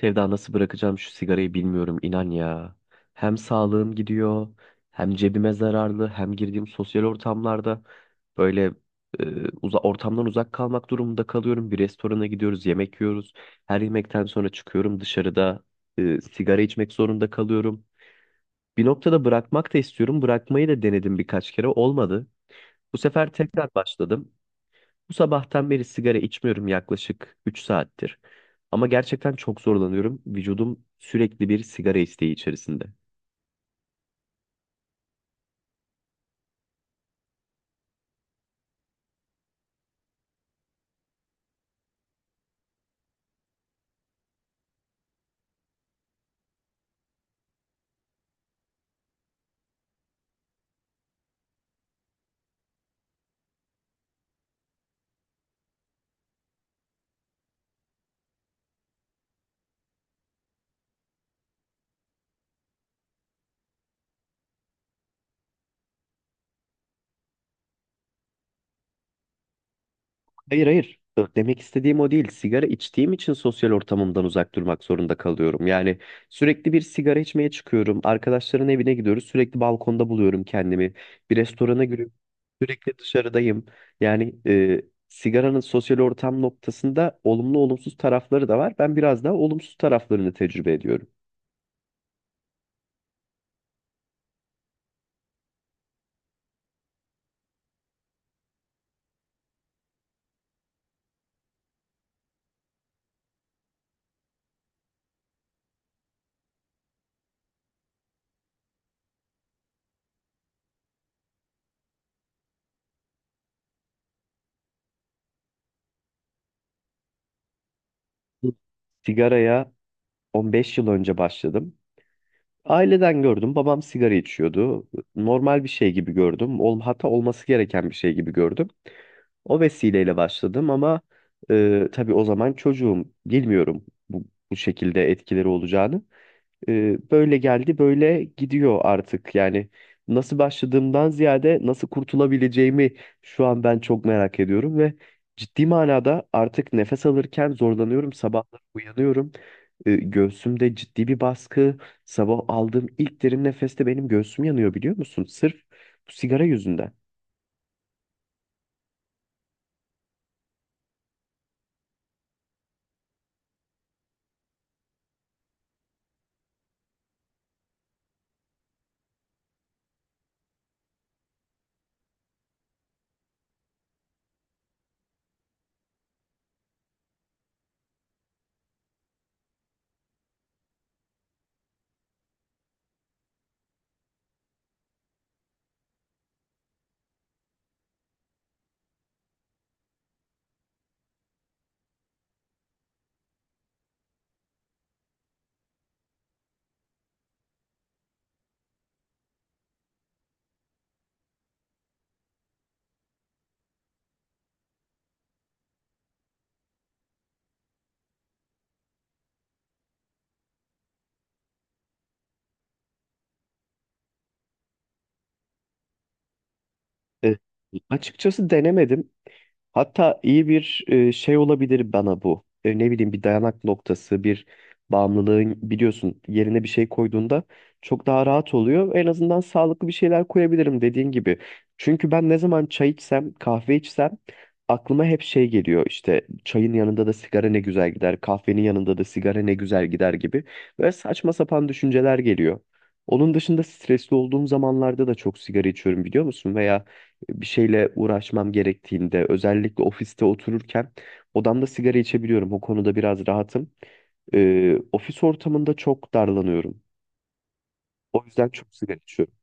Sevda nasıl bırakacağım şu sigarayı bilmiyorum inan ya. Hem sağlığım gidiyor, hem cebime zararlı, hem girdiğim sosyal ortamlarda böyle e, uza ortamdan uzak kalmak durumunda kalıyorum. Bir restorana gidiyoruz, yemek yiyoruz. Her yemekten sonra çıkıyorum dışarıda, sigara içmek zorunda kalıyorum. Bir noktada bırakmak da istiyorum. Bırakmayı da denedim, birkaç kere olmadı. Bu sefer tekrar başladım. Bu sabahtan beri sigara içmiyorum, yaklaşık 3 saattir. Ama gerçekten çok zorlanıyorum. Vücudum sürekli bir sigara isteği içerisinde. Hayır hayır. Demek istediğim o değil. Sigara içtiğim için sosyal ortamımdan uzak durmak zorunda kalıyorum. Yani sürekli bir sigara içmeye çıkıyorum. Arkadaşların evine gidiyoruz. Sürekli balkonda buluyorum kendimi. Bir restorana giriyorum. Sürekli dışarıdayım. Yani e, Sigaranın sosyal ortam noktasında olumlu olumsuz tarafları da var. Ben biraz daha olumsuz taraflarını tecrübe ediyorum. Sigaraya 15 yıl önce başladım. Aileden gördüm. Babam sigara içiyordu. Normal bir şey gibi gördüm. Hatta olması gereken bir şey gibi gördüm. O vesileyle başladım ama tabii o zaman çocuğum. Bilmiyorum bu şekilde etkileri olacağını, böyle geldi böyle gidiyor artık. Yani nasıl başladığımdan ziyade nasıl kurtulabileceğimi şu an ben çok merak ediyorum ve ciddi manada artık nefes alırken zorlanıyorum. Sabahları uyanıyorum. Göğsümde ciddi bir baskı. Sabah aldığım ilk derin nefeste benim göğsüm yanıyor biliyor musun? Sırf bu sigara yüzünden. E, Açıkçası denemedim. Hatta iyi bir şey olabilir bana bu. Ne bileyim, bir dayanak noktası, bir bağımlılığın biliyorsun yerine bir şey koyduğunda çok daha rahat oluyor. En azından sağlıklı bir şeyler koyabilirim dediğin gibi. Çünkü ben ne zaman çay içsem, kahve içsem aklıma hep şey geliyor. İşte çayın yanında da sigara ne güzel gider, kahvenin yanında da sigara ne güzel gider gibi. Böyle saçma sapan düşünceler geliyor. Onun dışında stresli olduğum zamanlarda da çok sigara içiyorum, biliyor musun? Veya bir şeyle uğraşmam gerektiğinde, özellikle ofiste otururken odamda sigara içebiliyorum. O konuda biraz rahatım. Ofis ortamında çok darlanıyorum. O yüzden çok sigara içiyorum.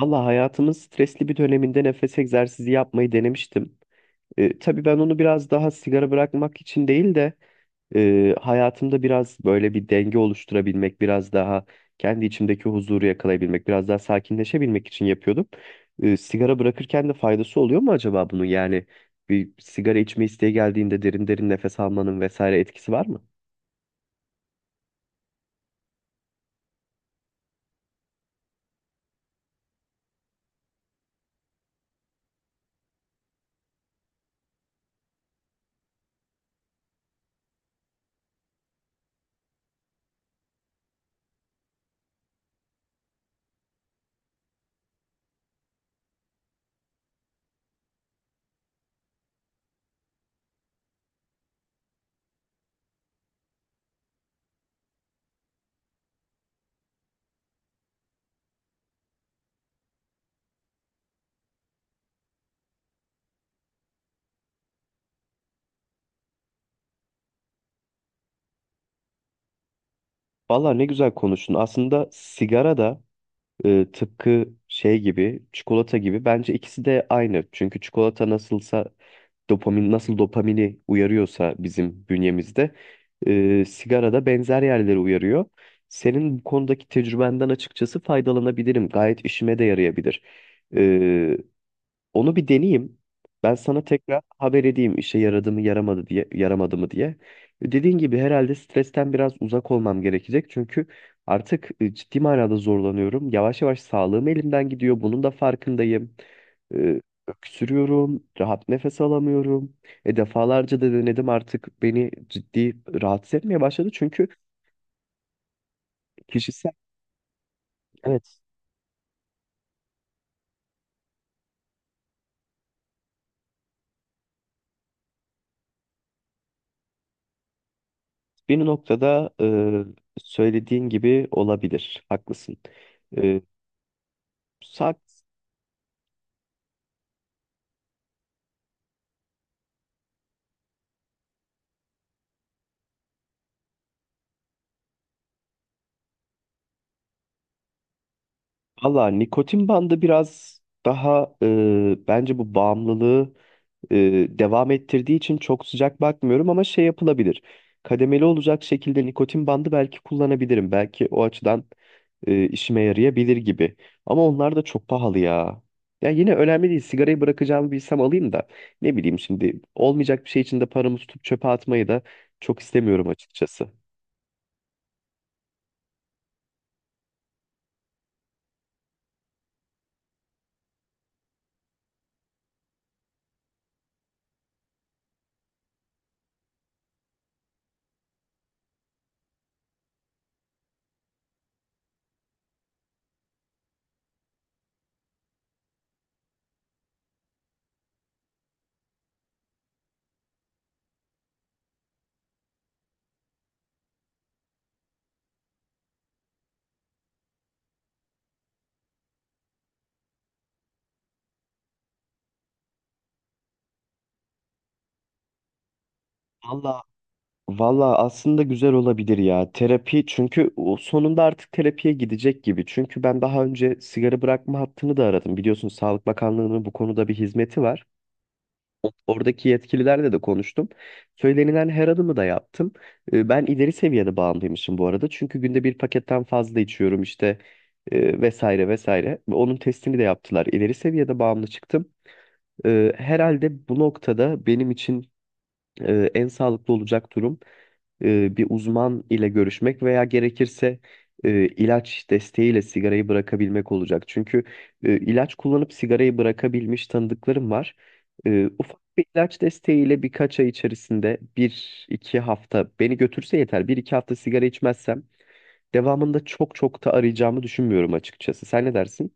Valla hayatımın stresli bir döneminde nefes egzersizi yapmayı denemiştim. Tabii ben onu biraz daha sigara bırakmak için değil de, hayatımda biraz böyle bir denge oluşturabilmek, biraz daha kendi içimdeki huzuru yakalayabilmek, biraz daha sakinleşebilmek için yapıyordum. Sigara bırakırken de faydası oluyor mu acaba bunun? Yani bir sigara içme isteği geldiğinde derin derin nefes almanın vesaire etkisi var mı? Valla ne güzel konuştun. Aslında sigara da, tıpkı şey gibi, çikolata gibi, bence ikisi de aynı. Çünkü çikolata nasılsa, dopamin nasıl dopamini uyarıyorsa bizim bünyemizde, sigara da benzer yerleri uyarıyor. Senin bu konudaki tecrübenden açıkçası faydalanabilirim. Gayet işime de yarayabilir. Onu bir deneyeyim. Ben sana tekrar haber edeyim işe yaradı mı yaramadı diye, yaramadı mı diye. Dediğin gibi herhalde stresten biraz uzak olmam gerekecek. Çünkü artık, ciddi manada zorlanıyorum. Yavaş yavaş sağlığım elimden gidiyor. Bunun da farkındayım. E, Öksürüyorum, rahat nefes alamıyorum. Defalarca da denedim, artık beni ciddi rahatsız etmeye başladı. Çünkü kişisel, evet, bir noktada, söylediğin gibi olabilir. Haklısın. E, sak- Valla nikotin bandı biraz daha, bence bu bağımlılığı e, devam ettirdiği için çok sıcak bakmıyorum ama şey yapılabilir. Kademeli olacak şekilde nikotin bandı belki kullanabilirim. Belki o açıdan, işime yarayabilir gibi. Ama onlar da çok pahalı ya. Ya yine önemli değil. Sigarayı bırakacağımı bilsem alayım da, ne bileyim, şimdi olmayacak bir şey için de paramı tutup çöpe atmayı da çok istemiyorum açıkçası. Valla Valla aslında güzel olabilir ya. Terapi, çünkü o sonunda artık terapiye gidecek gibi. Çünkü ben daha önce sigara bırakma hattını da aradım. Biliyorsun Sağlık Bakanlığı'nın bu konuda bir hizmeti var. Oradaki yetkililerle de konuştum. Söylenilen her adımı da yaptım. Ben ileri seviyede bağımlıymışım bu arada. Çünkü günde bir paketten fazla içiyorum işte, vesaire vesaire. Ve onun testini de yaptılar. İleri seviyede bağımlı çıktım. Herhalde bu noktada benim için, en sağlıklı olacak durum, bir uzman ile görüşmek veya gerekirse, ilaç desteğiyle sigarayı bırakabilmek olacak. Çünkü, ilaç kullanıp sigarayı bırakabilmiş tanıdıklarım var. Ufak bir ilaç desteğiyle birkaç ay içerisinde bir iki hafta beni götürse yeter. Bir iki hafta sigara içmezsem devamında çok çok da arayacağımı düşünmüyorum açıkçası. Sen ne dersin?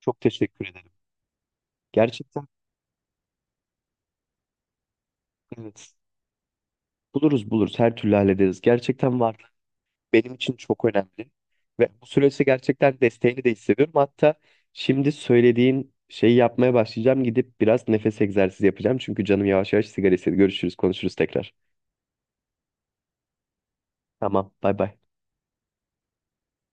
Çok teşekkür ederim. Gerçekten evet. Buluruz buluruz, her türlü hallederiz. Gerçekten var. Benim için çok önemli. Ve bu süreçte gerçekten desteğini de hissediyorum. Hatta şimdi söylediğin şeyi yapmaya başlayacağım. Gidip biraz nefes egzersizi yapacağım. Çünkü canım yavaş yavaş sigara istedi. Görüşürüz, konuşuruz tekrar. Tamam, bay bay.